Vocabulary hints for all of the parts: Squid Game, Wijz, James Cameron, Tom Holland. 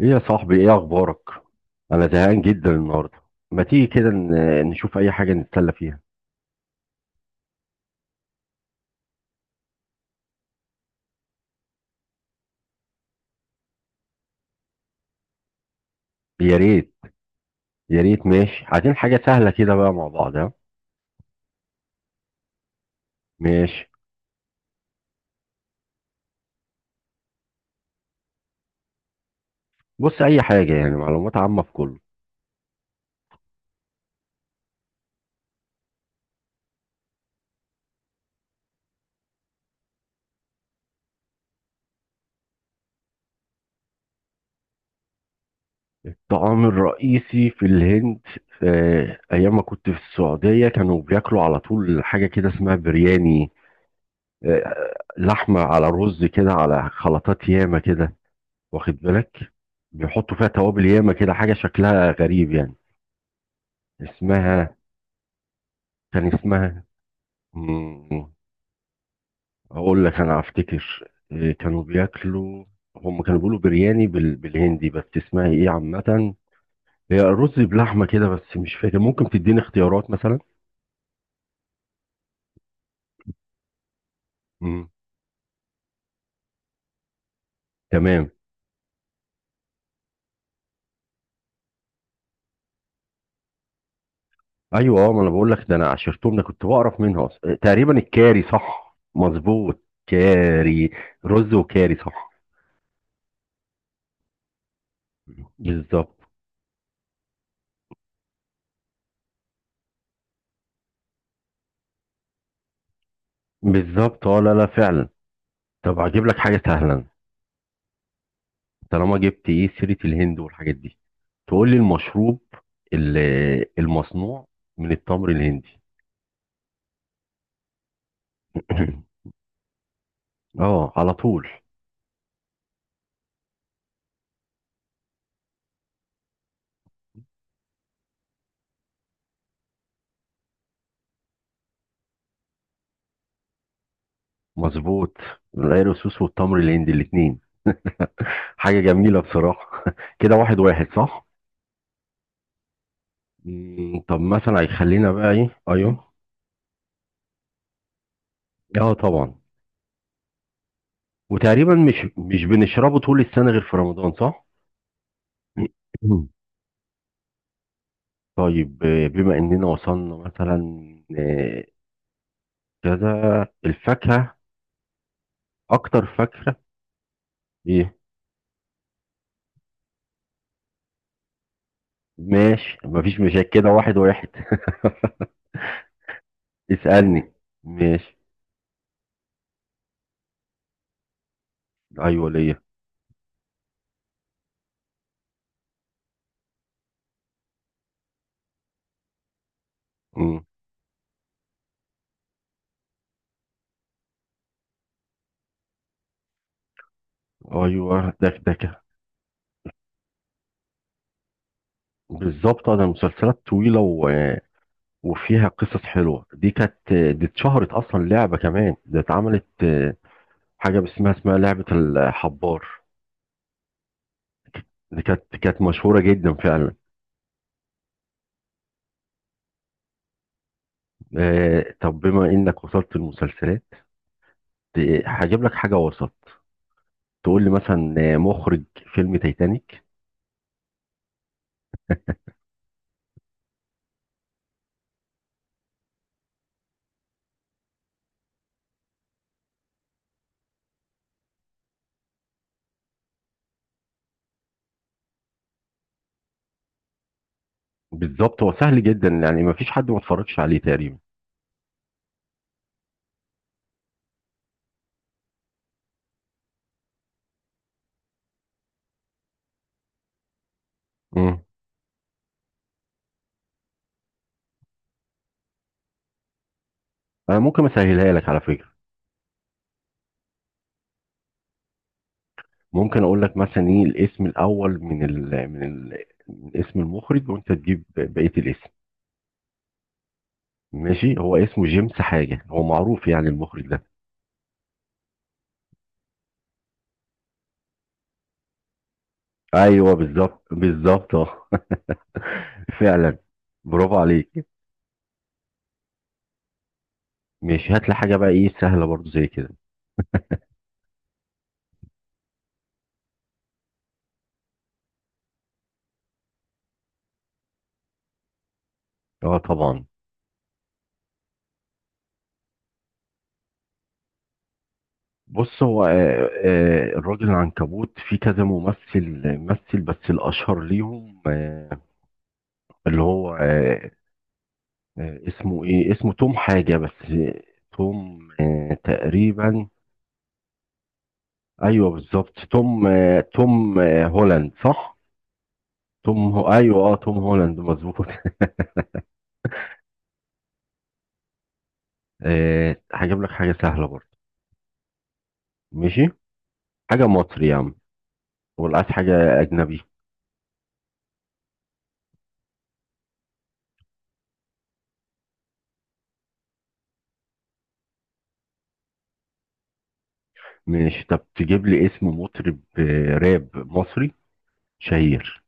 ايه يا صاحبي، ايه اخبارك؟ انا زهقان جدا النهارده. ما تيجي كده نشوف اي حاجه نتسلى فيها؟ يا ريت. يا ريت ماشي، عايزين حاجه سهله كده بقى، مع بعض، ها؟ ماشي. بص، اي حاجه، يعني معلومات عامه في كله. الطعام الرئيسي في الهند؟ آه، ايام ما كنت في السعوديه كانوا بياكلوا على طول حاجه كده اسمها برياني. آه، لحمه على رز كده، على خلطات ياما كده. واخد بالك؟ بيحطوا فيها توابل ياما كده، حاجه شكلها غريب يعني. اسمها كان اسمها، مم، اقول لك انا افتكر. كانوا بياكلوا. هم كانوا بيقولوا برياني بالهندي، بس اسمها ايه عامة؟ هي رز بلحمة كده، بس مش فاكر. ممكن تديني اختيارات مثلا؟ مم. تمام. ايوه، اه، ما انا بقول لك ده، انا عشرتهم ده كنت بعرف منها اصلا. تقريبا الكاري صح. مظبوط. كاري. رز وكاري صح. بالظبط، بالظبط، اه، لا لا فعلا. طب هجيب لك حاجة سهلة. طالما جبت ايه سيره الهند والحاجات دي، تقول لي المشروب المصنوع من التمر الهندي. اه، على طول. مظبوط. العرقسوس والتمر الهندي الاثنين. حاجه جميله بصراحه. كده، واحد واحد صح. طب مثلا هيخلينا بقى ايه؟ ايوه. اه طبعا. وتقريبا مش بنشربه طول السنه غير في رمضان، صح؟ طيب، بما اننا وصلنا مثلا آه، كذا الفاكهه، اكتر فاكهه ايه؟ ماشي، مفيش مشاكل. كده واحد واحد. اسألني. ماشي. ايوه، ليا. مم. ايوه، دكدكة. بالظبط، انا مسلسلات طويلة وفيها قصص حلوة. دي اتشهرت اصلا. لعبة كمان ده اتعملت، حاجة اسمها لعبة الحبار. دي كانت مشهورة جدا فعلا. طب بما انك وصلت المسلسلات، هجيب لك حاجة وسط. تقول لي مثلا مخرج فيلم تايتانيك. بالظبط، هو سهل جدا، يعني ما فيش حد ما اتفرجش عليه تقريبا. امم انا ممكن اسهلها لك على فكره. ممكن اقول لك مثلا ايه الاسم الاول من اسم المخرج، وانت تجيب بقيه الاسم. ماشي، هو اسمه جيمس حاجه. هو معروف يعني المخرج ده. ايوه، بالظبط، بالظبط، اه. فعلا. برافو عليك. ماشي، هات لي حاجه بقى ايه سهله برضو زي كده. اه، طبعا. بص هو الراجل العنكبوت في كذا ممثل. مثل، بس الاشهر ليهم اللي هو، آه، اسمه ايه، اسمه توم حاجة، بس توم تقريبا. ايوه بالظبط، توم، هولاند صح؟ توم هو ايوه، اه، توم هولاند مظبوط. هجيب لك حاجة سهلة برضه. ماشي. حاجة مصري يا عم، ولا عايز حاجة أجنبي؟ ماشي، طب تجيب لي اسم مطرب راب مصري شهير؟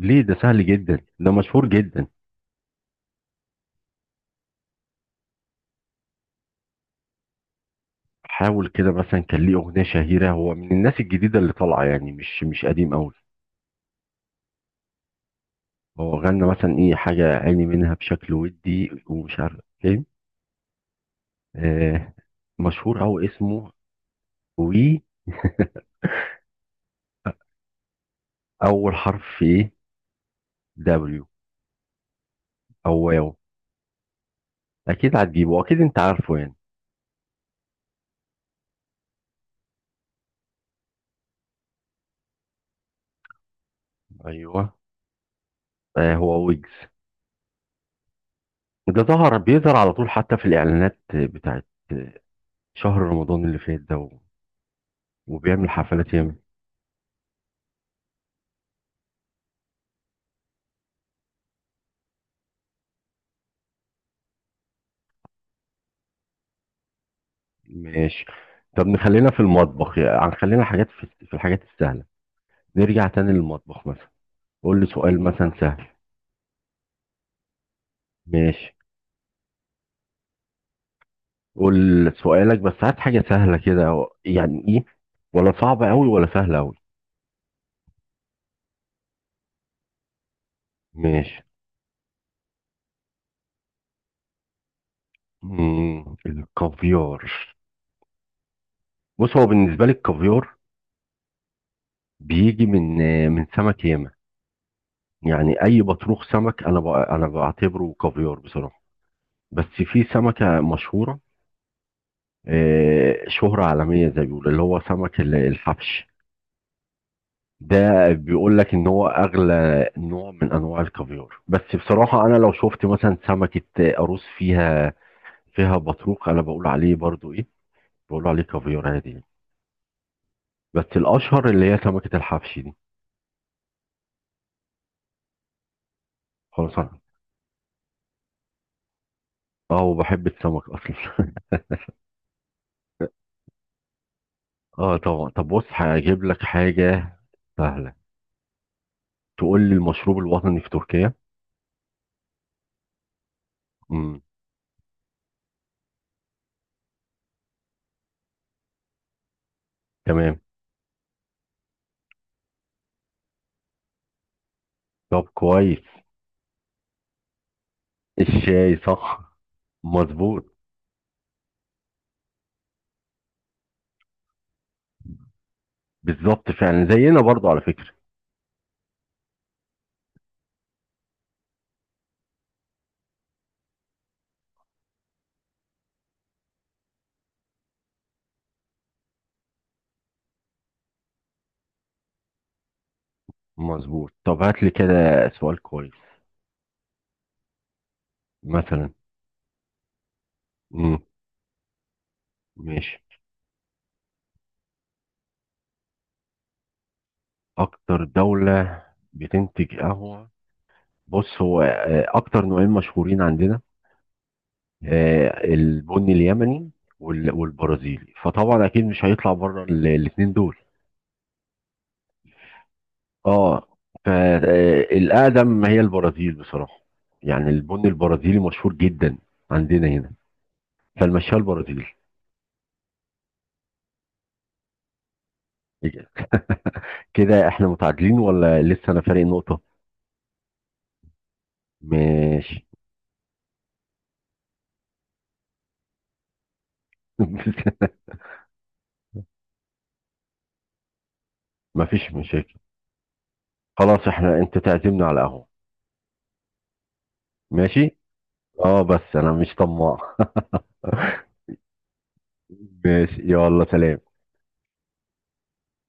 ليه؟ ده سهل جدا، ده مشهور جدا. حاول كده، مثلا كان ليه أغنية شهيرة. هو من الناس الجديدة اللي طالعة، يعني مش قديم أوي. هو غنى مثلا ايه، حاجة عيني منها بشكل ودي ومش عارف ايه. آه مشهور، او اسمه وي. اول حرف في ايه؟ دبليو، او واو. اكيد هتجيبه، اكيد انت عارفه يعني. ايوه. آه، هو ويجز. ده بيظهر على طول حتى في الاعلانات بتاعت شهر رمضان اللي فات ده وبيعمل حفلات ياما. ماشي، طب نخلينا في المطبخ يعني، خلينا حاجات في الحاجات السهلة. نرجع تاني للمطبخ مثلا، قول لي سؤال مثلا سهل. ماشي، قول سؤالك بس هات حاجة سهلة كده يعني ايه، ولا صعبة أوي ولا سهلة أوي. ماشي. مم. الكافيار. بص هو، بالنسبة لي الكافيار بيجي من سمك ياما. يعني أي بطروخ سمك، أنا أنا بعتبره كافيار بصراحة. بس في سمكة مشهورة، شهرة عالمية زي ما بيقولوا، اللي هو سمك الحبش ده. بيقول لك ان هو اغلى نوع من انواع الكافيار، بس بصراحة انا لو شفت مثلا سمكة قاروص فيها بطروق، انا بقول عليه برضو ايه. بقول عليه كافيار عادي يعني. بس الاشهر اللي هي سمكة الحبش دي. خلاص انا، اه، وبحب السمك اصلا. اه طبعا. طب بص هجيب لك حاجة سهلة. تقول لي المشروب الوطني في تركيا. امم. تمام. طب كويس. الشاي، صح. مظبوط. بالظبط، فعلا زينا برضو على فكرة. مظبوط. طب هات لي كده سؤال كويس، مثلا. امم. ماشي. اكتر دولة بتنتج قهوة. بص هو، اكتر نوعين مشهورين عندنا، البني اليمني والبرازيلي. فطبعا اكيد مش هيطلع بره الاثنين دول. اه، فالاقدم هي البرازيل بصراحه. يعني البني البرازيلي مشهور جدا عندنا هنا، فالمشاه البرازيلي. كده احنا متعادلين، ولا لسه انا فارق نقطه؟ ماشي. مفيش مشاكل. خلاص، احنا انت تعزمنا على قهوه. ماشي. اه، بس انا مش طماع. ماشي، يلا سلام.